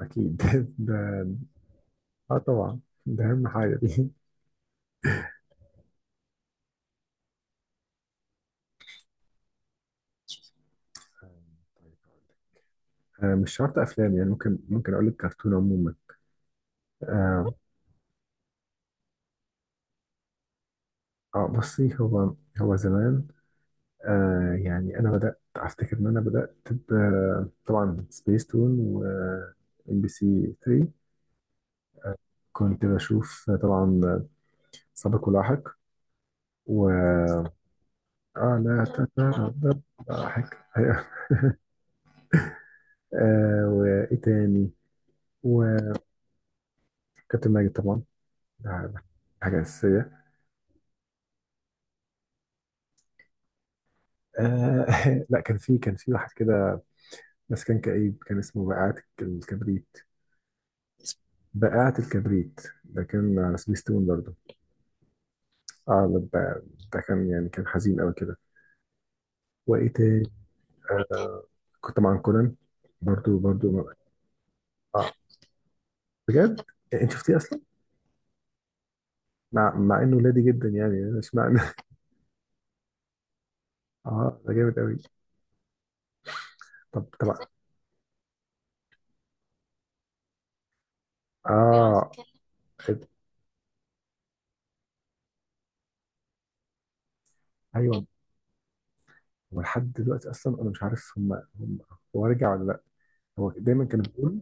أكيد ده. آه، طبعا. ده أهم حاجة دي. آه، مش شرط أفلام، يعني ممكن أقول لك كرتون عموما. آه. آه، بصي. هو زمان، آه، يعني أنا بدأت أفتكر إن أنا بدأت طبعا سبيس تون و ام بي سي 3. آه، كنت بشوف طبعا سابق ولاحق و اه لا تتردد ضحك آه، وايه تاني؟ وكابتن ماجد طبعا. ده حاجة أساسية. آه. لا، كان في واحد كده، بس كان كئيب، كان اسمه بقعة الكبريت. بقعة الكبريت ده كان على سبيستون برضه. اه، ده ده كان يعني كان حزين قوي كده. وإيه تاني؟ آه، كنت مع كونان برضه. اه، بجد. إيه، انت شفتيه اصلا؟ مع انه لادي جدا، يعني مش معنى اه، ده جامد قوي. طب طبعا. اه. ايوه. ولحد دلوقتي اصلا انا مش عارف، هم هو رجع ولا لا. هو دايما كانوا بيقولوا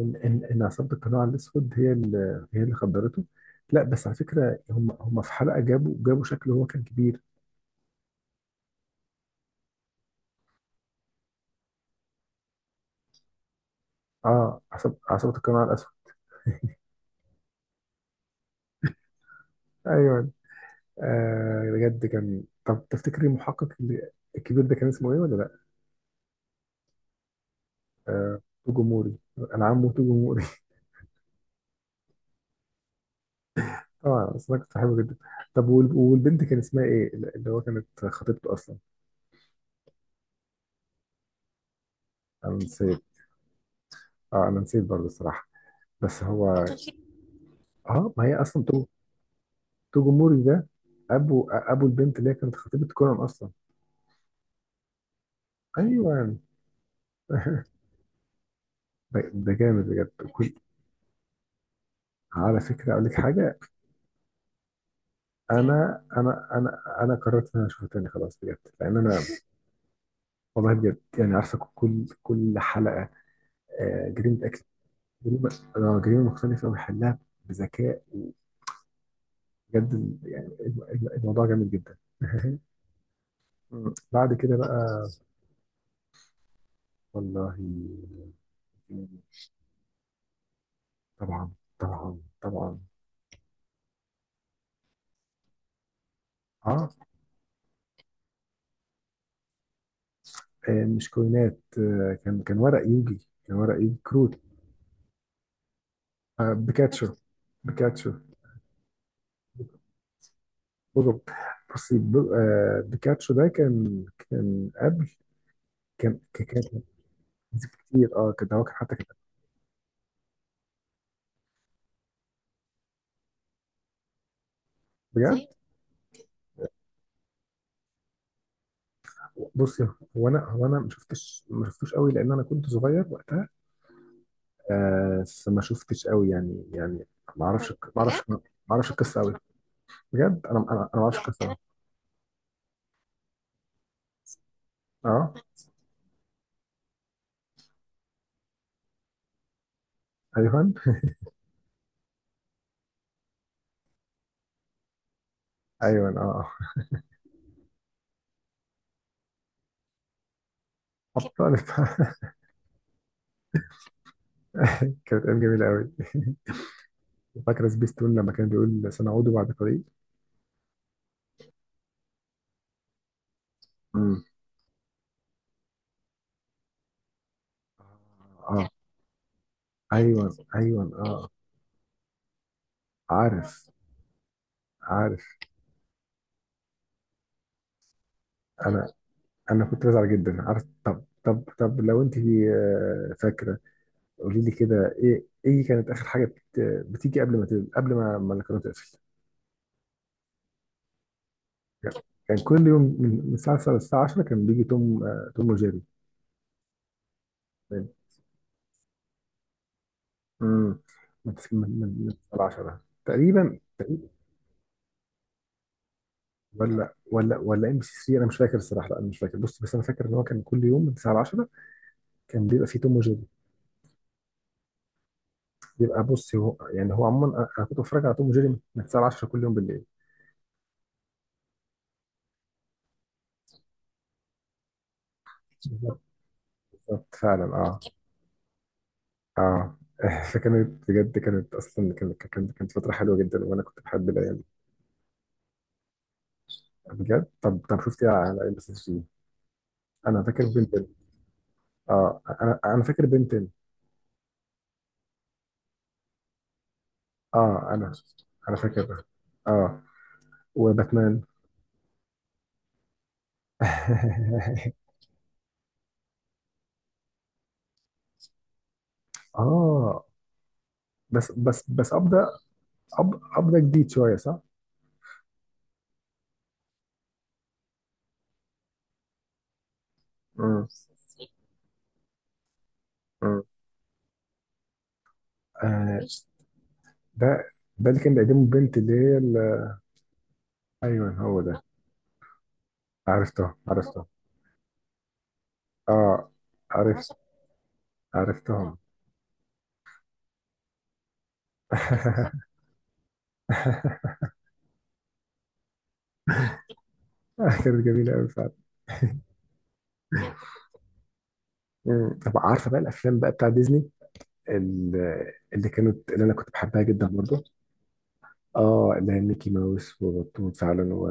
ان ان عصابه القناع الاسود هي هي اللي خدرته. لا، بس على فكره هم في حلقه جابوا شكله هو كان كبير. اه، عصابه القناع الاسود. ايوه. آه، بجد كان. طب تفتكري المحقق الكبير ده كان اسمه ايه ولا لا؟ آه، توجو موري. انا عمه توجو موري. طبعا، بس انا كنت بحبه جدا. طب، والبنت كان اسمها ايه، اللي هو كانت خطيبته اصلا؟ انا نسيت. اه، انا نسيت برضه الصراحه. بس هو، اه، ما هي اصلا توجوموري ده ابو البنت اللي هي كانت خطيبة كونان اصلا. ايوه. ده جامد بجد. كل. على فكره، اقول لك حاجه. انا قررت ان انا اشوفها تاني خلاص بجد، لان انا والله بجد يعني عارفه كل حلقه. آه، جريمه اكل، جريمه، آه، جريمه مختلفه ويحلها بذكاء. بجد يعني الموضوع جامد جدا بعد كده بقى. والله، طبعا طبعا طبعا. اه. آه، مش كوينات. آه، كان كان ورق يوجي، كان ورق يوجي كروت. آه، بيكاتشو. بيكاتشو. بصوا، بصي، آه، بيكاتشو ده كان، كان قبل، كان كتير. اه كده. هو كان حتى كان. بجد، بصي. هو انا ما شفتش، ما شفتوش قوي لان انا كنت صغير وقتها. آه، فما شفتش قوي، يعني ما اعرفش. طب ما اعرفش، ما اعرفش القصه قوي. بجد، انا ما اعرفش القصه قوي. اه. ايوه ايوه. اه. ابطال كانت ايام جميله قوي. فاكره سبيستون لما كان بيقول سنعود بعد قليل. امم. اه. ايوه. اه. عارف، عارف. انا انا كنت بزعل جدا. عارف؟ طب لو انت، آه، فاكره، قولي لي كده ايه كانت اخر حاجه بتيجي قبل ما قبل ما القناه تقفل؟ يعني كان كل يوم من الساعه 10 للساعه 10 كان بيجي توم، آه، توم وجيري. من، امم، من، من الساعه 10 تقريبا. ولا ولا ام بي سي 3، انا مش فاكر الصراحه. لا، انا مش فاكر. بص، بس انا فاكر ان هو كان كل يوم من 9 ل 10 كان بيبقى فيه توم وجيري. بيبقى. بص، هو يعني هو عموما انا، أنا كنت بتفرج على توم وجيري من 9 ل 10 كل يوم بالليل. بالظبط، بالظبط فعلا. اه. اه فكانت بجد، كانت اصلا، كانت كانت فتره حلوه جدا، وانا كنت بحب الايام دي. بجد؟ طب شفت ايه على ام بي سي 3؟ انا فاكر بنتين. اه، انا فاكر بنتين. اه، انا فاكر. اه. وباتمان. اه. بس ابدا. أب ابدا جديد شويه، صح؟ امم. امم. آه، ده. ده اللي كان بيقدمه البنت اللي هي ايوه هو ده. عرفتها، عرفتها. اه، عرفت، عشان عرفتهم. كانت جميله قوي فعلا. مم. طب عارفه بقى الافلام بقى بتاع ديزني، ال- اللي كانت، اللي انا كنت بحبها جدا برضو. اه، اللي هي ميكي ماوس وبطوط فعلا و...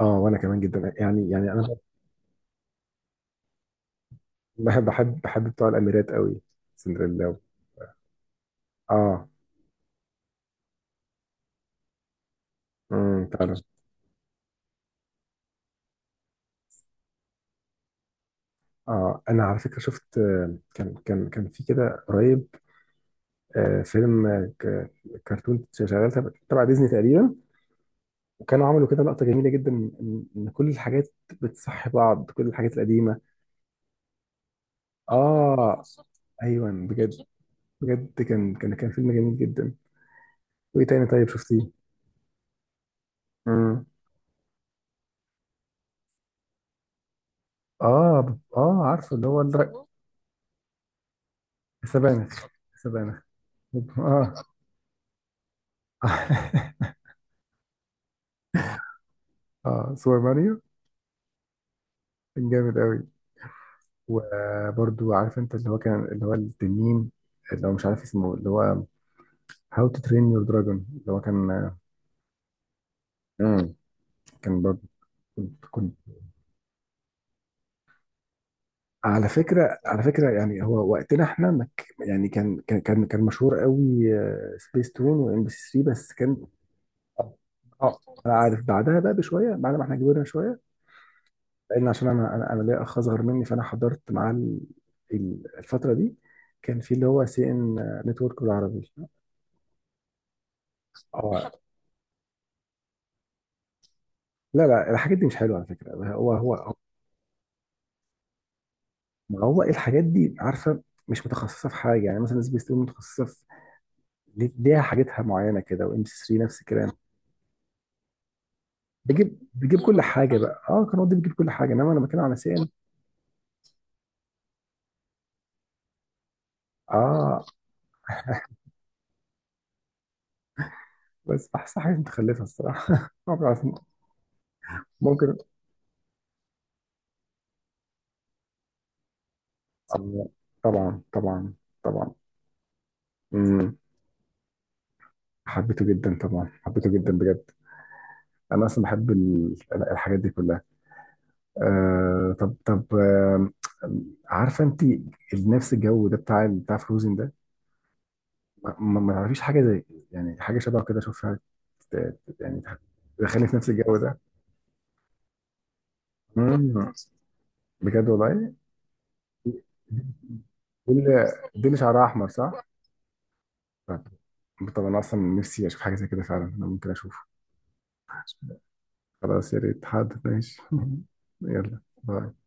اه، وانا كمان جدا، يعني، يعني انا بحب، بحب بتوع الاميرات قوي. سندريلا. اه. امم، فعلا. اه، انا على فكره شفت، آه، كان في كده قريب، آه، فيلم، آه، كرتون شغال تبع ديزني تقريبا. وكانوا عملوا كده لقطه جميله جدا، ان إن كل الحاجات بتصحي بعض، كل الحاجات القديمه. اه. ايوه، بجد. بجد، كان فيلم جميل جدا. وايه تاني طيب شفتيه؟ امم. اه، اه عارفه اللي هو السبانخ، السبانخ. اه اه، سوبر ماريو. كان جامد قوي. وبرضو عارف انت، اللي هو كان اللي هو التنين، اللي هو مش عارف اسمه، اللي هو هاو تو ترين يور دراجون، اللي هو كان. امم. كان برضو. كنت. على فكرة، على فكرة، يعني هو وقتنا احنا ما يعني كان مشهور قوي سبيس تون وام بي سي 3 بس كان. اه، انا عارف بعدها بقى بشويه، بعد ما احنا كبرنا شويه، لان عشان انا، انا ليا اخ اصغر مني، فانا حضرت معاه الفتره دي كان في اللي هو سي ان نتورك بالعربي. اه لا، لا الحاجات دي مش حلوه على فكره. هو ما هو الحاجات دي، عارفه، مش متخصصه في حاجه، يعني مثلا سبيس تون متخصصه في، ليها حاجتها معينه كده، وام سي 3 نفس الكلام. بجيب كل حاجه بقى. اه، قنوات دي بتجيب كل حاجه، انما انا بتكلم على سين. اه. بس احسن حاجه، متخلفه الصراحه ما بعرف، ممكن. آه، طبعا طبعا. امم. حبيته جدا طبعا، حبيته جدا بجد. انا اصلا بحب الحاجات دي كلها. آه، طب آه، عارفه انت نفس الجو ده بتاع، فروزن ده، ما تعرفيش حاجه زي، يعني حاجه شبه كده اشوفها، يعني دخلني في نفس الجو ده؟ مم. بجد والله. دي، دي اللي، دي اللي شعرها احمر، صح؟ طب، طب انا اصلا نفسي اشوف حاجه زي كده فعلا، انا ممكن اشوفه. خلاص، يا ريت، حاضر، ماشي يلا، باي.